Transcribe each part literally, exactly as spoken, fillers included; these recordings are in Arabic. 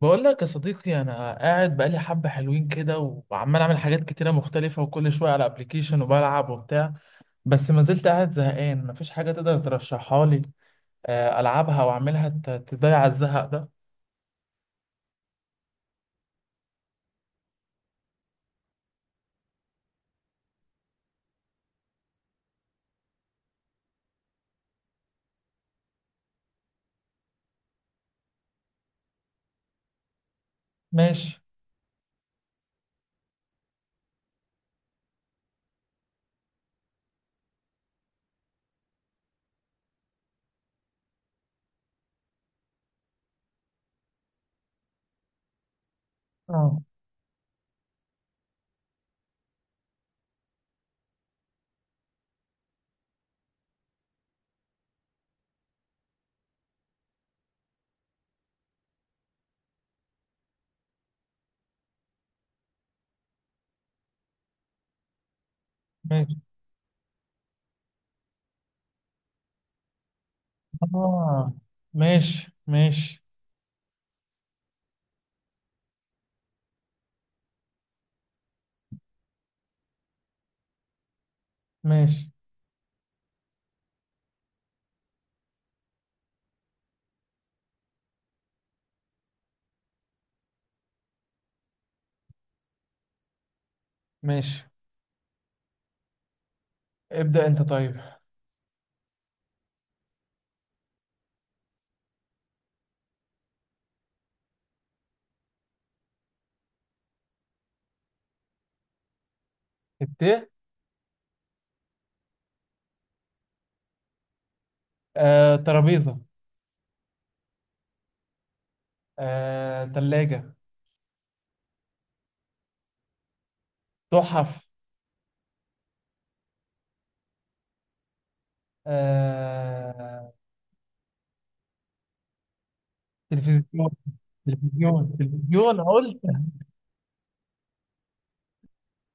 بقول لك يا صديقي انا قاعد بقالي حبه حلوين كده، وعمال اعمل حاجات كتيره مختلفه وكل شويه على ابلكيشن وبلعب وبتاع، بس ما زلت قاعد زهقان مفيش حاجه تقدر ترشحها لي. آه، العبها واعملها ت- تضيع الزهق ده. ماشي. اه. ماشي. اه. ماشي ماشي. ماشي ماشي. ابدأ انت طيب. الت. آه، ترابيزه. آه، تلاجة. تحف. آه، تلفزيون. تلفزيون تلفزيون.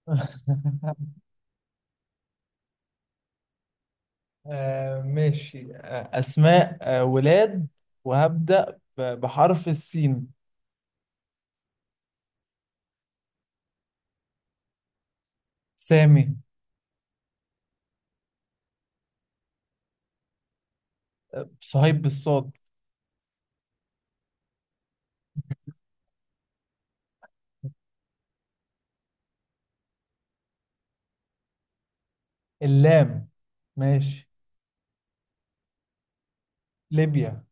آه ماشي، آه أسماء، آه ولاد. وهبدأ ب- بحرف السين. سامي. آه صهيب بالصاد. اللام. ماشي. ليبيا.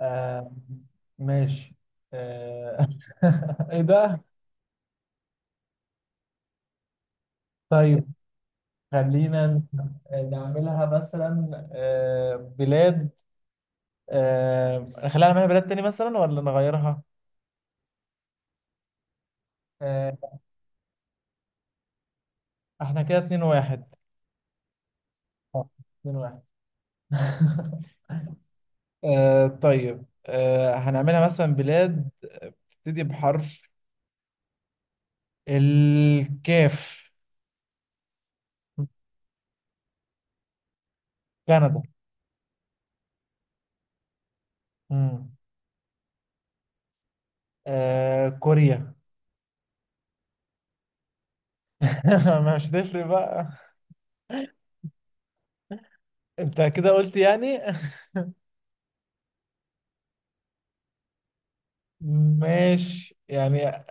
آه. ماشي. آه. إيه ده؟ طيب خلينا نعملها مثلا آه بلاد. آه. خلينا نعملها بلاد تاني مثلا ولا نغيرها؟ آه. احنا كده اتنين واحد. اه. اتنين واحد. آه طيب، آه هنعملها مثلا بلاد بتبتدي بحرف الكاف. كندا. مم. آه كوريا. ما مش هتفرق بقى. انت كده قلت يعني. ماشي يعني.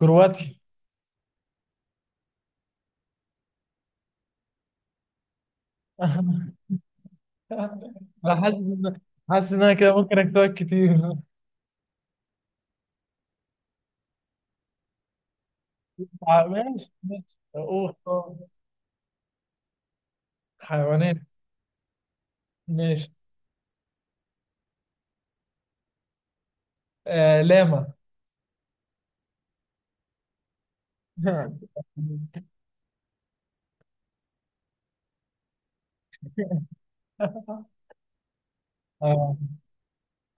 كرواتي. انا حاسس ان حاسس ان انا كده ممكن اكتبك كتير. آه، ماشي ماشي. اوه أوه. حيوانات. ماشي. آه لاما. آه.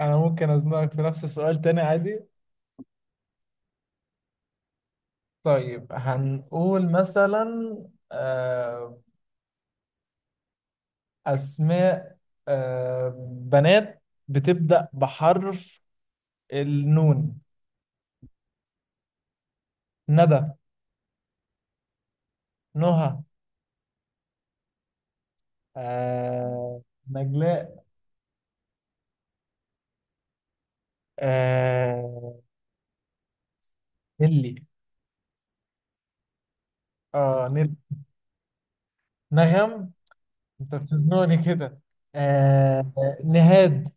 انا ممكن ازنقك في نفس السؤال تاني عادي. طيب هنقول مثلا، آه، اسماء، آه، بنات بتبدأ بحرف النون. ندى. نهى. آه، نجلاء. آه، نيلي. اه نيل. نغم. انت بتزنقني كده. آه، نهاد.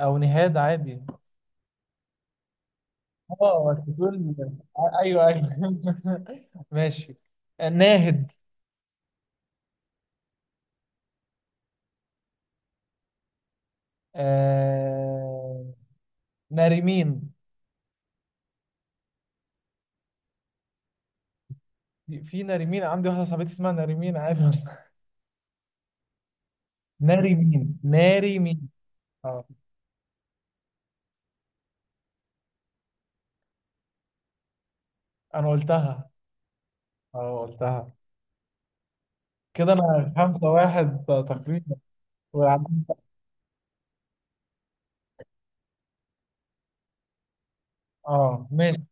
او نهاد عادي. اه تقول. ايوه ايوه. ماشي. ناهد. آه... ناري مين، في في ناري مين، عندي واحدة صاحبتي اسمها ناري مين عادي والله. ناري مين ناري مين. اه انا قلتها. اه قلتها. كده انا خمسة واحد تقريبا. وعندي- اه ماشي.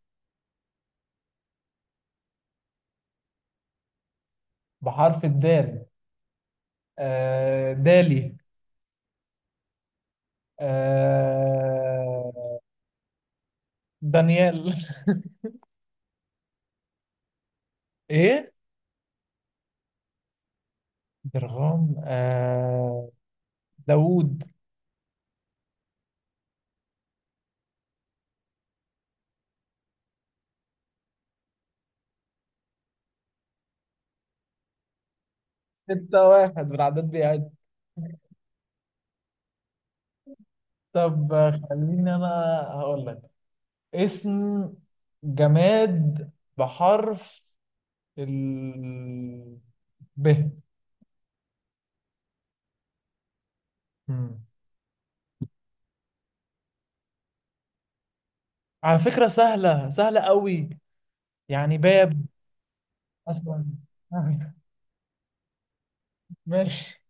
بحرف الدال. آه... دالي. آه... دانيال. ايه. درغام. آه... داوود. ستة واحد بالعدد بيعد. طب خليني انا هقول لك اسم جماد بحرف ال ب. مم. على فكرة سهلة سهلة قوي. يعني باب مثلا. ماشي.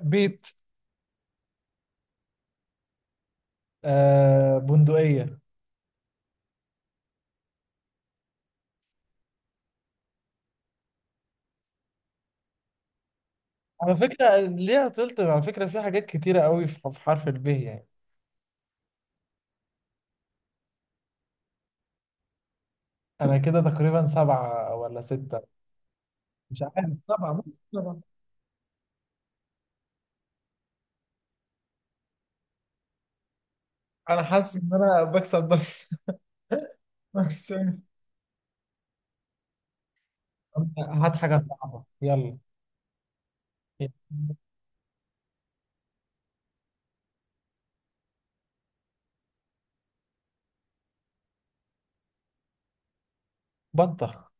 بيت. آه بندقية. على فكرة ليها تلت، على فكرة في حاجات كتيرة قوي في في حرف ال ب يعني. أنا كده تقريبا سبعة ولا ستة. مش عارف، سبعة، ممكن سبعة. أنا حاسس إن أنا بكسب بس. بس. هات حاجة صعبة. يلا. بطة.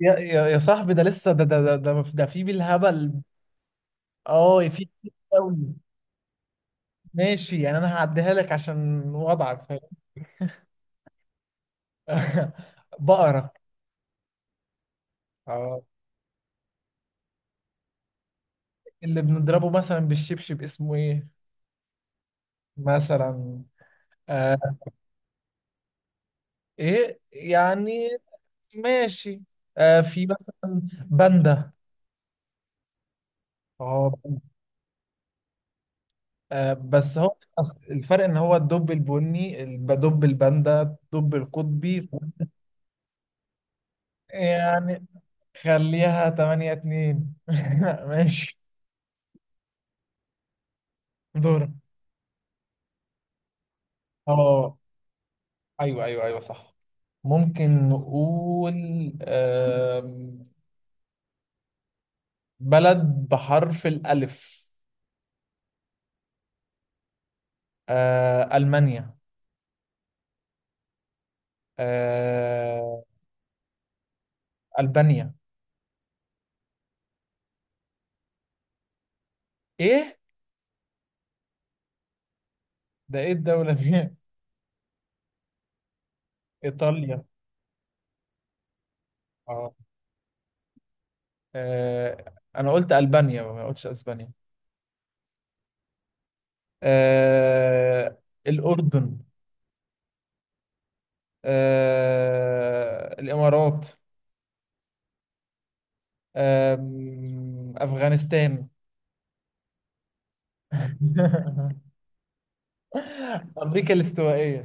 يا يا يا صاحبي، ده لسه، ده ده ده ده, ده في بالهبل. اه في كتير قوي. ماشي يعني انا هعديها لك عشان وضعك، فاهم؟ بقرة. اه. اللي بنضربه مثلا بالشبشب اسمه ايه مثلا. آه. ايه يعني. ماشي. آه في مثلا باندا. اه. آه، بس هو أصل الفرق ان هو الدب البني، الب- دب الباندا، الدب القطبي يعني. خليها تمانية اتنين. ماشي. دورك. اه ايوه ايوه ايوه صح. ممكن نقول آم، بلد بحرف الألف. آه، ألمانيا. آه، ألبانيا. إيه؟ ده إيه الدولة دي؟ إيطاليا. آه. آه، أنا قلت ألبانيا ما قلتش أسبانيا. آه، الأردن. آه، الإمارات. آم، أفغانستان. أمريكا الاستوائية.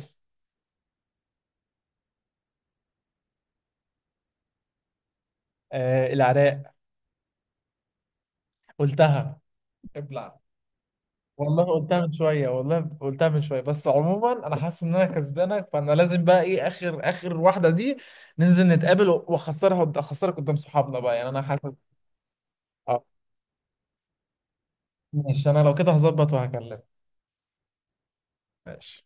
آه العراق. قلتها. ابلع. والله قلتها من شوية، والله قلتها من شوية. بس عموما أنا حاسس إن أنا كسبانك، فأنا لازم بقى إيه آخر آخر واحدة دي ننزل نتقابل وأخسرها أخسرك قدام صحابنا بقى يعني. أنا حاسس. آه ماشي. أنا لو كده هظبط وهكلمك. ماشي.